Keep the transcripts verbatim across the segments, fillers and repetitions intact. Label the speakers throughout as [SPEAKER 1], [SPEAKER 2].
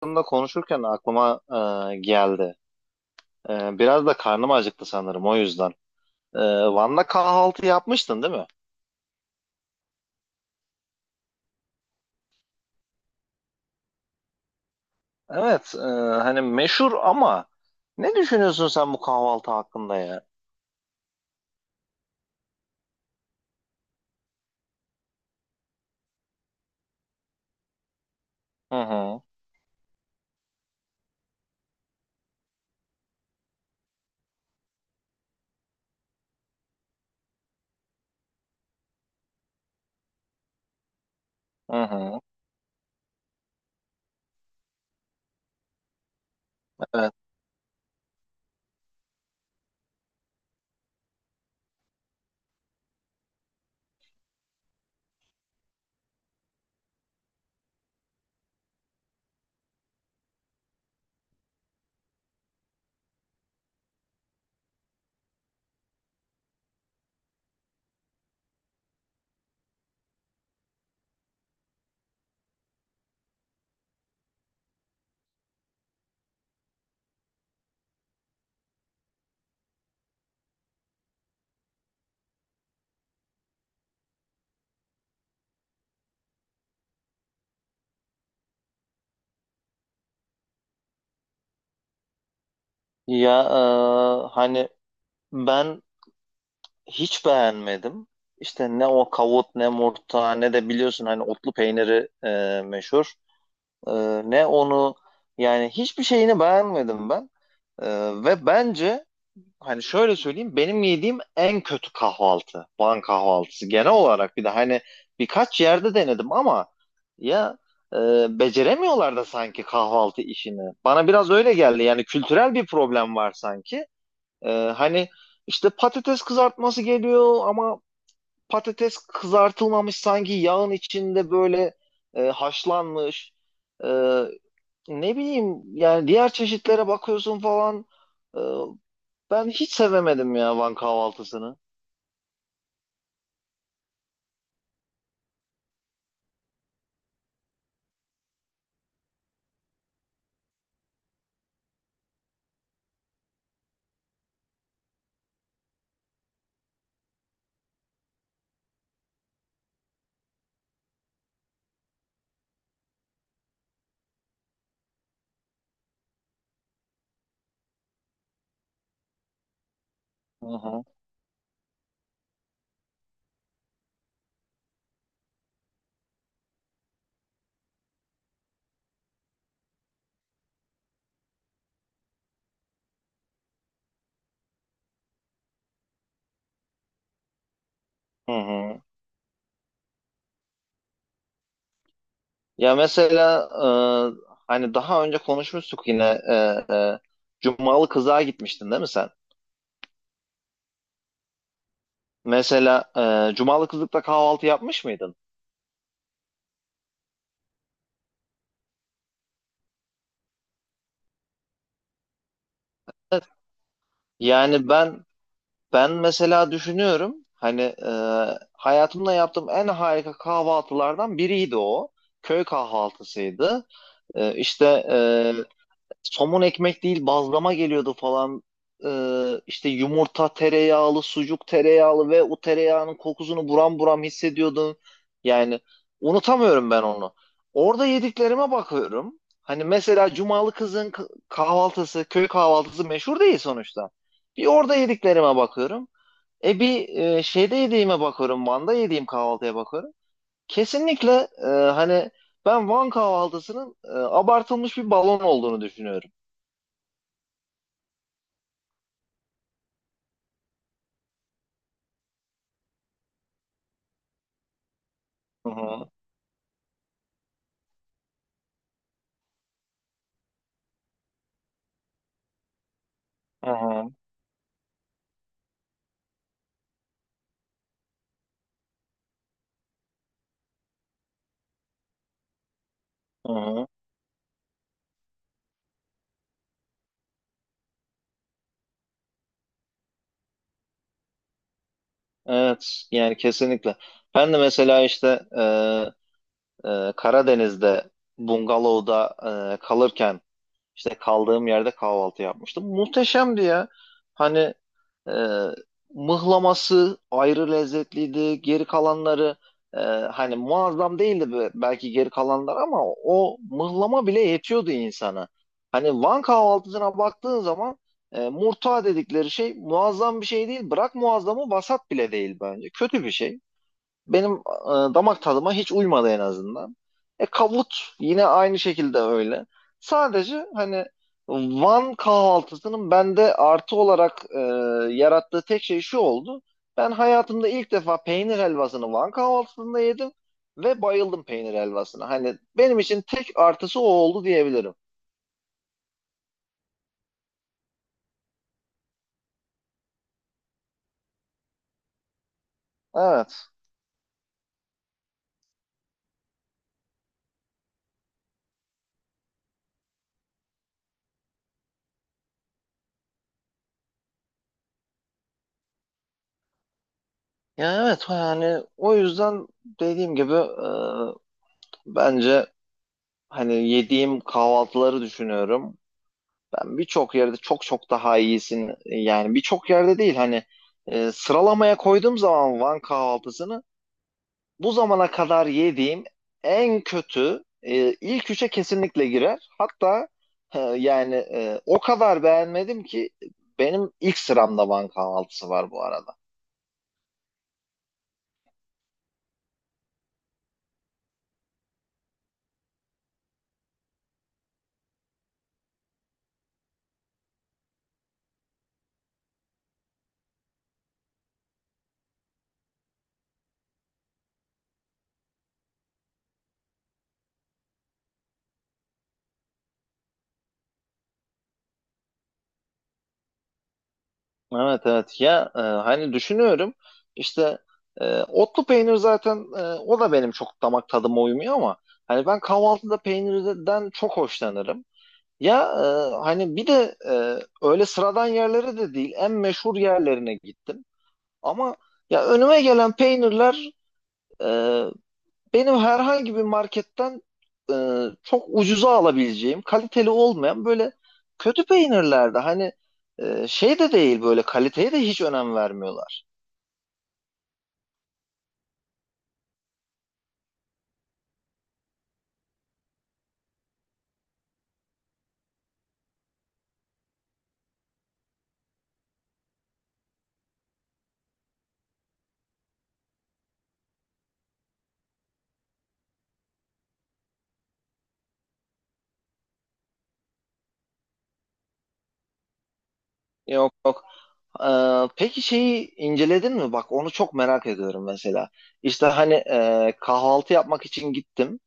[SPEAKER 1] Hakkında konuşurken aklıma e, geldi. E, biraz da karnım acıktı sanırım o yüzden. E, Van'da kahvaltı yapmıştın değil mi? Evet, e, hani meşhur ama ne düşünüyorsun sen bu kahvaltı hakkında ya? Hı hı, hı hı, evet. Ya e, hani ben hiç beğenmedim. İşte ne o kavut ne murta ne de biliyorsun hani otlu peyniri e, meşhur. E, Ne onu yani hiçbir şeyini beğenmedim ben. E, Ve bence hani şöyle söyleyeyim, benim yediğim en kötü kahvaltı Van kahvaltısı genel olarak. Bir de hani birkaç yerde denedim ama ya e, beceremiyorlar da sanki kahvaltı işini. Bana biraz öyle geldi, yani kültürel bir problem var sanki. E, hani işte patates kızartması geliyor ama patates kızartılmamış sanki, yağın içinde böyle e, haşlanmış. E, Ne bileyim yani, diğer çeşitlere bakıyorsun falan. Ee, Ben hiç sevemedim ya Van kahvaltısını. Hı hı. Hı hı. Ya mesela e, hani daha önce konuşmuştuk yine, e, e, Cumalı kızlığa gitmiştin değil mi sen? Mesela e, Cumalı kızlıkta kahvaltı yapmış mıydın? Yani ben ben mesela düşünüyorum, hani e, hayatımda yaptığım en harika kahvaltılardan biriydi o. Köy kahvaltısıydı. E, işte e, Somun ekmek değil, bazlama geliyordu falan. Ee, işte yumurta tereyağlı, sucuk tereyağlı ve o tereyağının kokusunu buram buram hissediyordun. Yani unutamıyorum ben onu. Orada yediklerime bakıyorum. Hani mesela Cumalı kızın k- kahvaltısı, köy kahvaltısı meşhur değil sonuçta. Bir orada yediklerime bakıyorum. E bir e, şeyde yediğime bakıyorum. Van'da yediğim kahvaltıya bakıyorum. Kesinlikle e, hani ben Van kahvaltısının e, abartılmış bir balon olduğunu düşünüyorum. Hı hı, hı hı, hı hı. Evet yani kesinlikle. Ben de mesela işte e, e, Karadeniz'de bungalovda e, kalırken işte kaldığım yerde kahvaltı yapmıştım. Muhteşemdi ya. Hani E, mıhlaması ayrı lezzetliydi. Geri kalanları e, hani muazzam değildi, be- belki geri kalanlar, ama o mıhlama bile yetiyordu insana. Hani Van kahvaltısına baktığın zaman e, murta dedikleri şey muazzam bir şey değil. Bırak muazzamı, vasat bile değil bence. Kötü bir şey, benim e, damak tadıma hiç uymadı en azından. E kavut yine aynı şekilde öyle. Sadece hani Van kahvaltısının bende artı olarak e, yarattığı tek şey şu oldu: ben hayatımda ilk defa peynir helvasını Van kahvaltısında yedim ve bayıldım peynir helvasına. Hani benim için tek artısı o oldu diyebilirim. Evet. Ya evet, yani o yüzden dediğim gibi, e, bence hani yediğim kahvaltıları düşünüyorum. Ben birçok yerde çok çok daha iyisin. e, Yani birçok yerde değil hani, e, sıralamaya koyduğum zaman Van kahvaltısını bu zamana kadar yediğim en kötü e, ilk üçe kesinlikle girer. Hatta e, yani e, o kadar beğenmedim ki benim ilk sıramda Van kahvaltısı var bu arada. Evet evet ya, e, hani düşünüyorum işte, e, otlu peynir zaten, e, o da benim çok damak tadıma uymuyor ama hani ben kahvaltıda peynirden çok hoşlanırım. Ya e, hani bir de, e, öyle sıradan yerlere de değil, en meşhur yerlerine gittim. Ama ya önüme gelen peynirler, e, benim herhangi bir marketten e, çok ucuza alabileceğim, kaliteli olmayan böyle kötü peynirlerdi. Hani e, şey de değil, böyle kaliteye de hiç önem vermiyorlar. Yok yok. E, peki şeyi inceledin mi? Bak onu çok merak ediyorum mesela. İşte hani e, kahvaltı yapmak için gittim.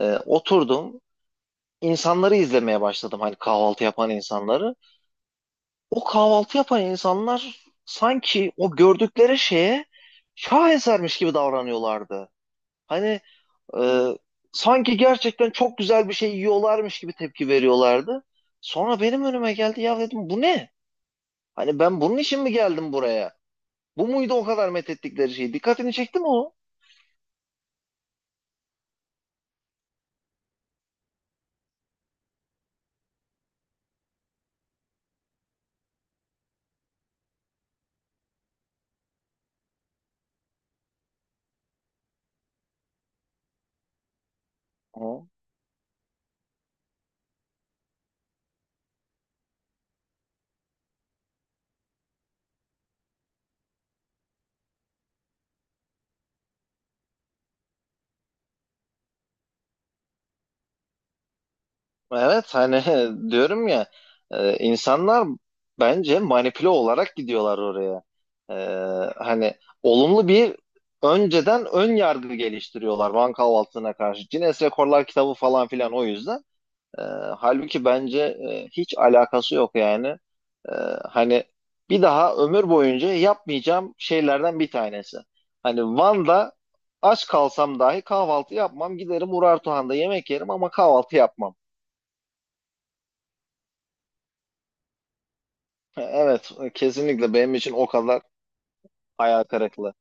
[SPEAKER 1] E, oturdum. İnsanları izlemeye başladım, hani kahvaltı yapan insanları. O kahvaltı yapan insanlar sanki o gördükleri şeye şahesermiş gibi davranıyorlardı. Hani e, sanki gerçekten çok güzel bir şey yiyorlarmış gibi tepki veriyorlardı. Sonra benim önüme geldi, ya dedim bu ne? Hani ben bunun için mi geldim buraya? Bu muydu o kadar methettikleri şey? Dikkatini çekti mi o? Hı. Evet hani diyorum ya, e, insanlar bence manipüle olarak gidiyorlar oraya. E, Hani olumlu bir, önceden ön yargı geliştiriyorlar Van kahvaltısına karşı. Guinness Rekorlar kitabı falan filan o yüzden. E, Halbuki bence e, hiç alakası yok yani. E, Hani bir daha ömür boyunca yapmayacağım şeylerden bir tanesi. Hani Van'da aç kalsam dahi kahvaltı yapmam. Giderim Urartuhan'da yemek yerim ama kahvaltı yapmam. Evet, kesinlikle benim için o kadar hayal kırıklığı.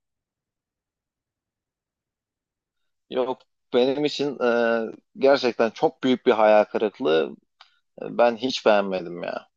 [SPEAKER 1] Yok, benim için e, gerçekten çok büyük bir hayal kırıklığı. Ben hiç beğenmedim ya.